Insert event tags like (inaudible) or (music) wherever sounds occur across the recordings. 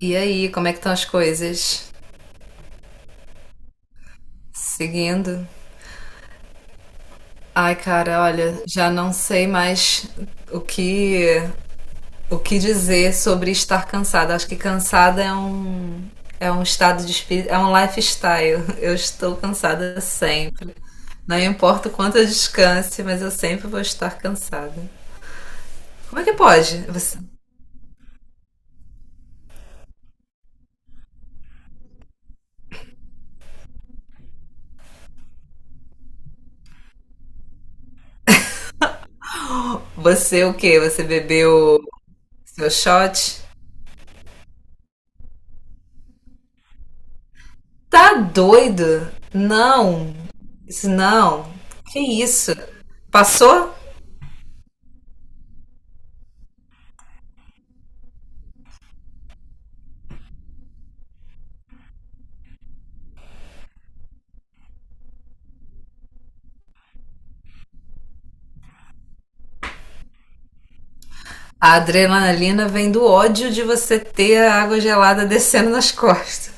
E aí, como é que estão as coisas? Seguindo? Ai, cara, olha, já não sei mais o que o que dizer sobre estar cansada. Acho que cansada é um estado de espírito, é um lifestyle. (laughs) Eu estou cansada sempre. Não importa o quanto eu descanse, mas eu sempre vou estar cansada. Como é que pode? Você o quê? Você bebeu seu shot? Tá doido? Não. Isso não. Que isso? Passou? A adrenalina vem do ódio de você ter a água gelada descendo nas costas.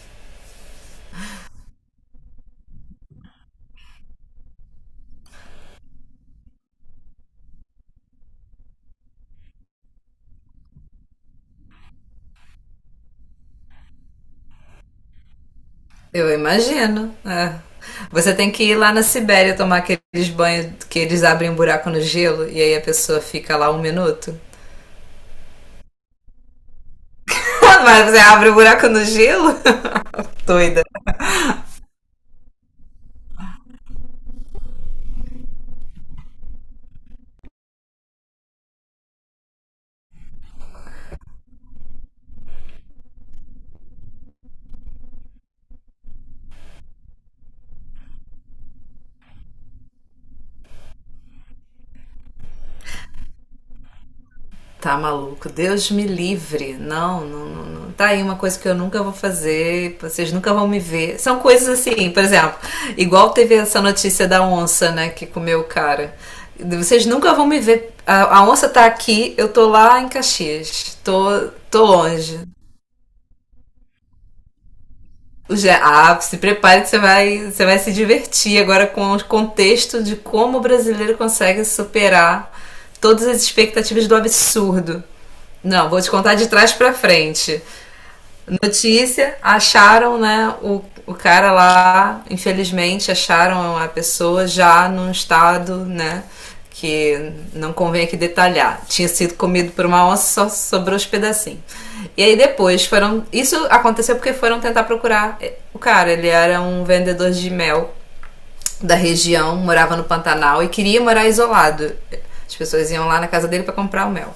Eu imagino. É. Você tem que ir lá na Sibéria tomar aqueles banhos que eles abrem um buraco no gelo e aí a pessoa fica lá um minuto. (laughs) Mas você abre o buraco no gelo? (laughs) Doida. Tá maluco, Deus me livre. Não, não, não, não. Tá aí uma coisa que eu nunca vou fazer, vocês nunca vão me ver. São coisas assim, por exemplo, igual teve essa notícia da onça, né, que comeu o cara. Vocês nunca vão me ver. A onça tá aqui, eu tô lá em Caxias. Tô longe. Já, ah, se prepare que você vai se divertir agora com o contexto de como o brasileiro consegue superar todas as expectativas do absurdo. Não, vou te contar de trás para frente. Notícia, acharam, né, o cara lá, infelizmente, acharam a pessoa já num estado, né, que não convém aqui detalhar. Tinha sido comido por uma onça, só sobrou os pedacinhos. E aí depois foram. Isso aconteceu porque foram tentar procurar o cara. Ele era um vendedor de mel da região, morava no Pantanal e queria morar isolado. As pessoas iam lá na casa dele para comprar o mel.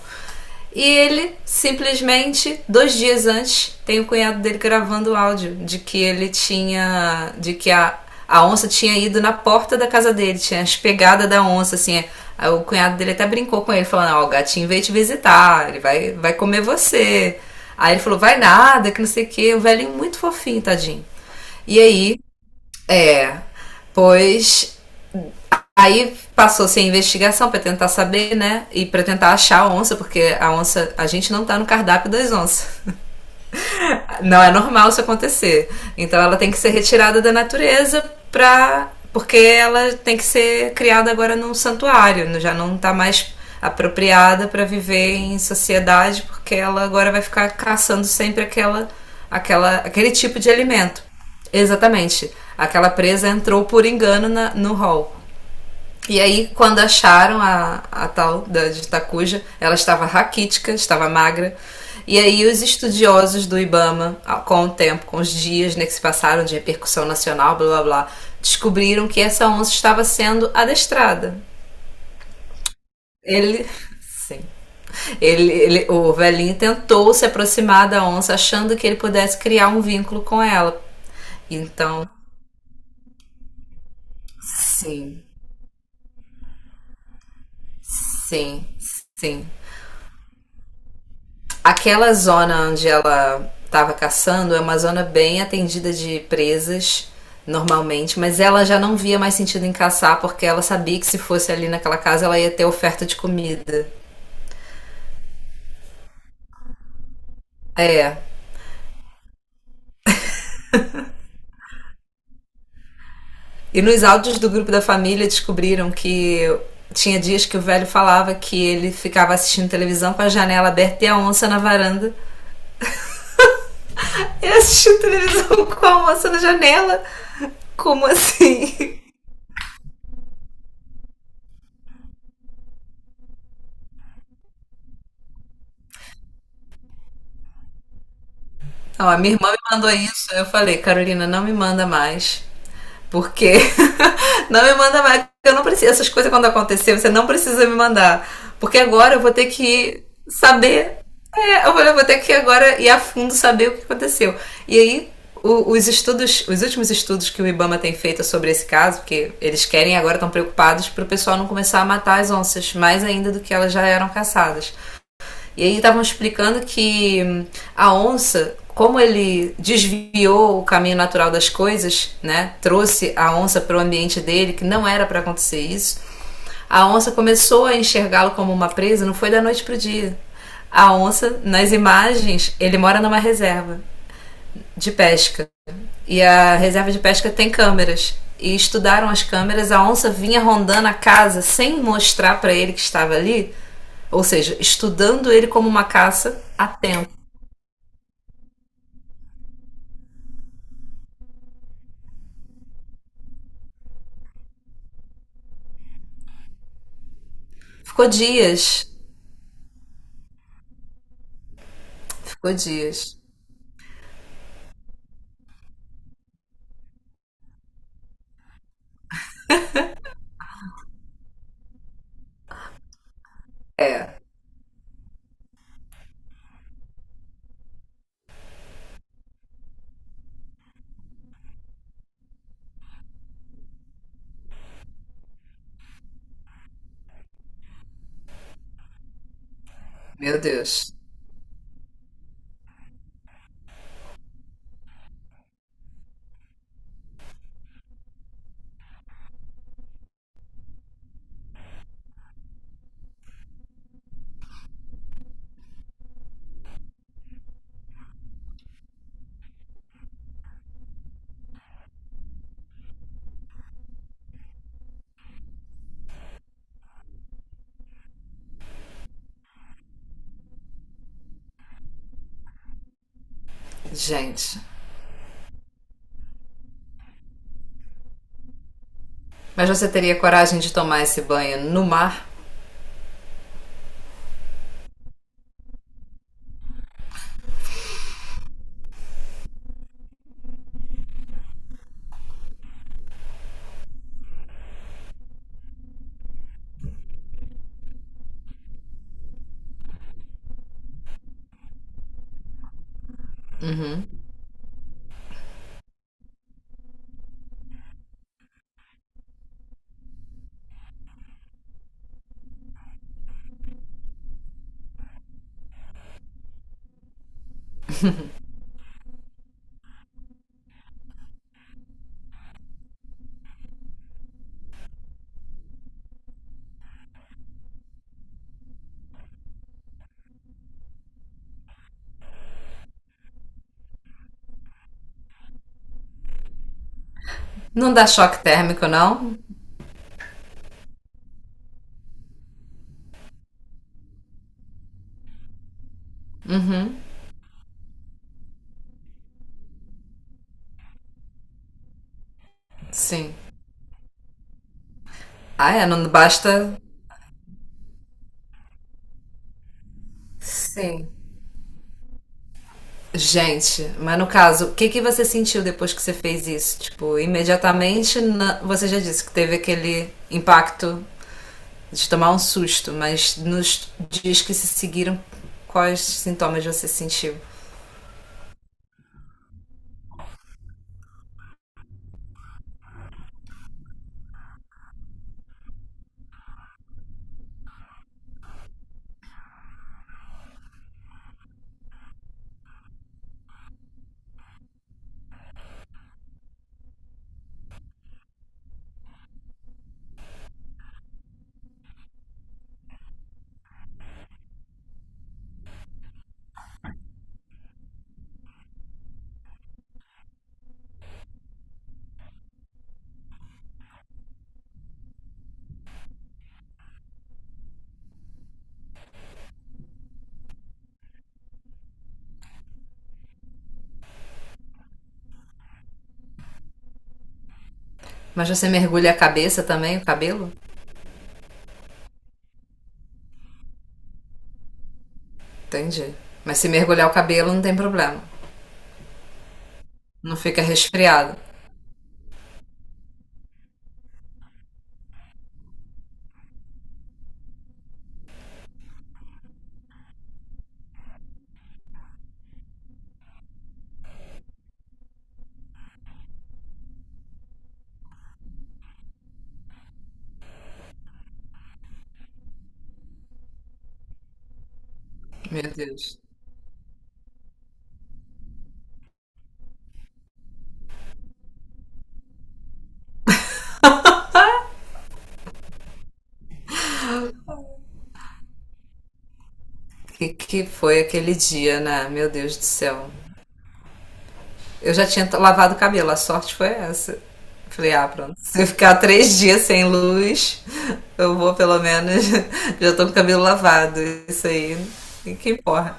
E ele simplesmente, 2 dias antes, tem o cunhado dele gravando o áudio de que ele tinha. De que a onça tinha ido na porta da casa dele, tinha as pegadas da onça, assim. É. Aí o cunhado dele até brincou com ele, falando: Ó, o gatinho veio te visitar, ele vai comer você. Aí ele falou: vai nada, que não sei o quê. O velhinho muito fofinho, tadinho. E aí, é. Pois. Aí passou-se a investigação para tentar saber, né? E para tentar achar a onça, porque a onça, a gente não tá no cardápio das onças. Não é normal isso acontecer. Então ela tem que ser retirada da natureza pra porque ela tem que ser criada agora num santuário, né? Já não tá mais apropriada para viver em sociedade, porque ela agora vai ficar caçando sempre aquela, aquela aquele tipo de alimento. Exatamente. Aquela presa entrou por engano na, no hall. E aí, quando acharam a tal da de Itacuja, ela estava raquítica, estava magra. E aí, os estudiosos do Ibama, com o tempo, com os dias né, que se passaram de repercussão nacional, blá blá blá, descobriram que essa onça estava sendo adestrada. Ele. (laughs) Sim. O velhinho tentou se aproximar da onça, achando que ele pudesse criar um vínculo com ela. Então, sim, sim, sim. Aquela zona onde ela estava caçando é uma zona bem atendida de presas normalmente, mas ela já não via mais sentido em caçar porque ela sabia que se fosse ali naquela casa ela ia ter oferta de comida. É. E nos áudios do grupo da família descobriram que tinha dias que o velho falava que ele ficava assistindo televisão com a janela aberta e a onça na varanda. Ele assistiu televisão (laughs) com a onça na janela. Como assim? (laughs) Não, a minha irmã me mandou isso. Eu falei, Carolina, não me manda mais. Porque (laughs) não me manda mais, eu não preciso. Essas coisas quando acontecer, você não precisa me mandar. Porque agora eu vou ter que saber. É, eu vou ter que agora ir a fundo saber o que aconteceu. E aí, os últimos estudos que o IBAMA tem feito sobre esse caso, porque eles querem agora estão preocupados para o pessoal não começar a matar as onças mais ainda do que elas já eram caçadas. E aí estavam explicando que a onça, como ele desviou o caminho natural das coisas, né? Trouxe a onça para o ambiente dele, que não era para acontecer isso. A onça começou a enxergá-lo como uma presa, não foi da noite pro dia. A onça, nas imagens, ele mora numa reserva de pesca. E a reserva de pesca tem câmeras. E estudaram as câmeras, a onça vinha rondando a casa sem mostrar para ele que estava ali, ou seja, estudando ele como uma caça a tempo. Ficou dias, ficou dias. É, meu Deus. Gente, mas você teria coragem de tomar esse banho no mar? Não dá choque térmico, não? Uhum, sim. Ah, é? Não basta. Sim. Gente, mas no caso, o que que você sentiu depois que você fez isso? Tipo, imediatamente na- você já disse que teve aquele impacto de tomar um susto, mas nos dias que se seguiram, quais sintomas você sentiu? Mas você mergulha a cabeça também, o cabelo? Entendi. Mas se mergulhar o cabelo não tem problema. Não fica resfriado. Meu Deus. O que que foi aquele dia, né? Meu Deus do céu. Eu já tinha lavado o cabelo, a sorte foi essa. Falei, ah, pronto. Se eu ficar 3 dias sem luz, eu vou pelo menos. (laughs) Já tô com o cabelo lavado. Isso aí. E que porra.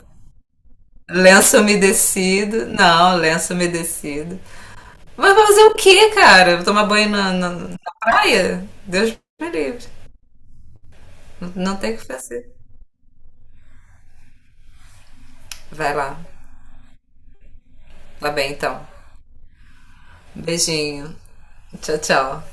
Lenço umedecido. Não, lenço umedecido. Mas vai fazer o quê, cara? Tomar banho na, na, na praia? Deus me livre. Não, não tem o que fazer. Vai lá. Tá bem, então. Beijinho. Tchau, tchau.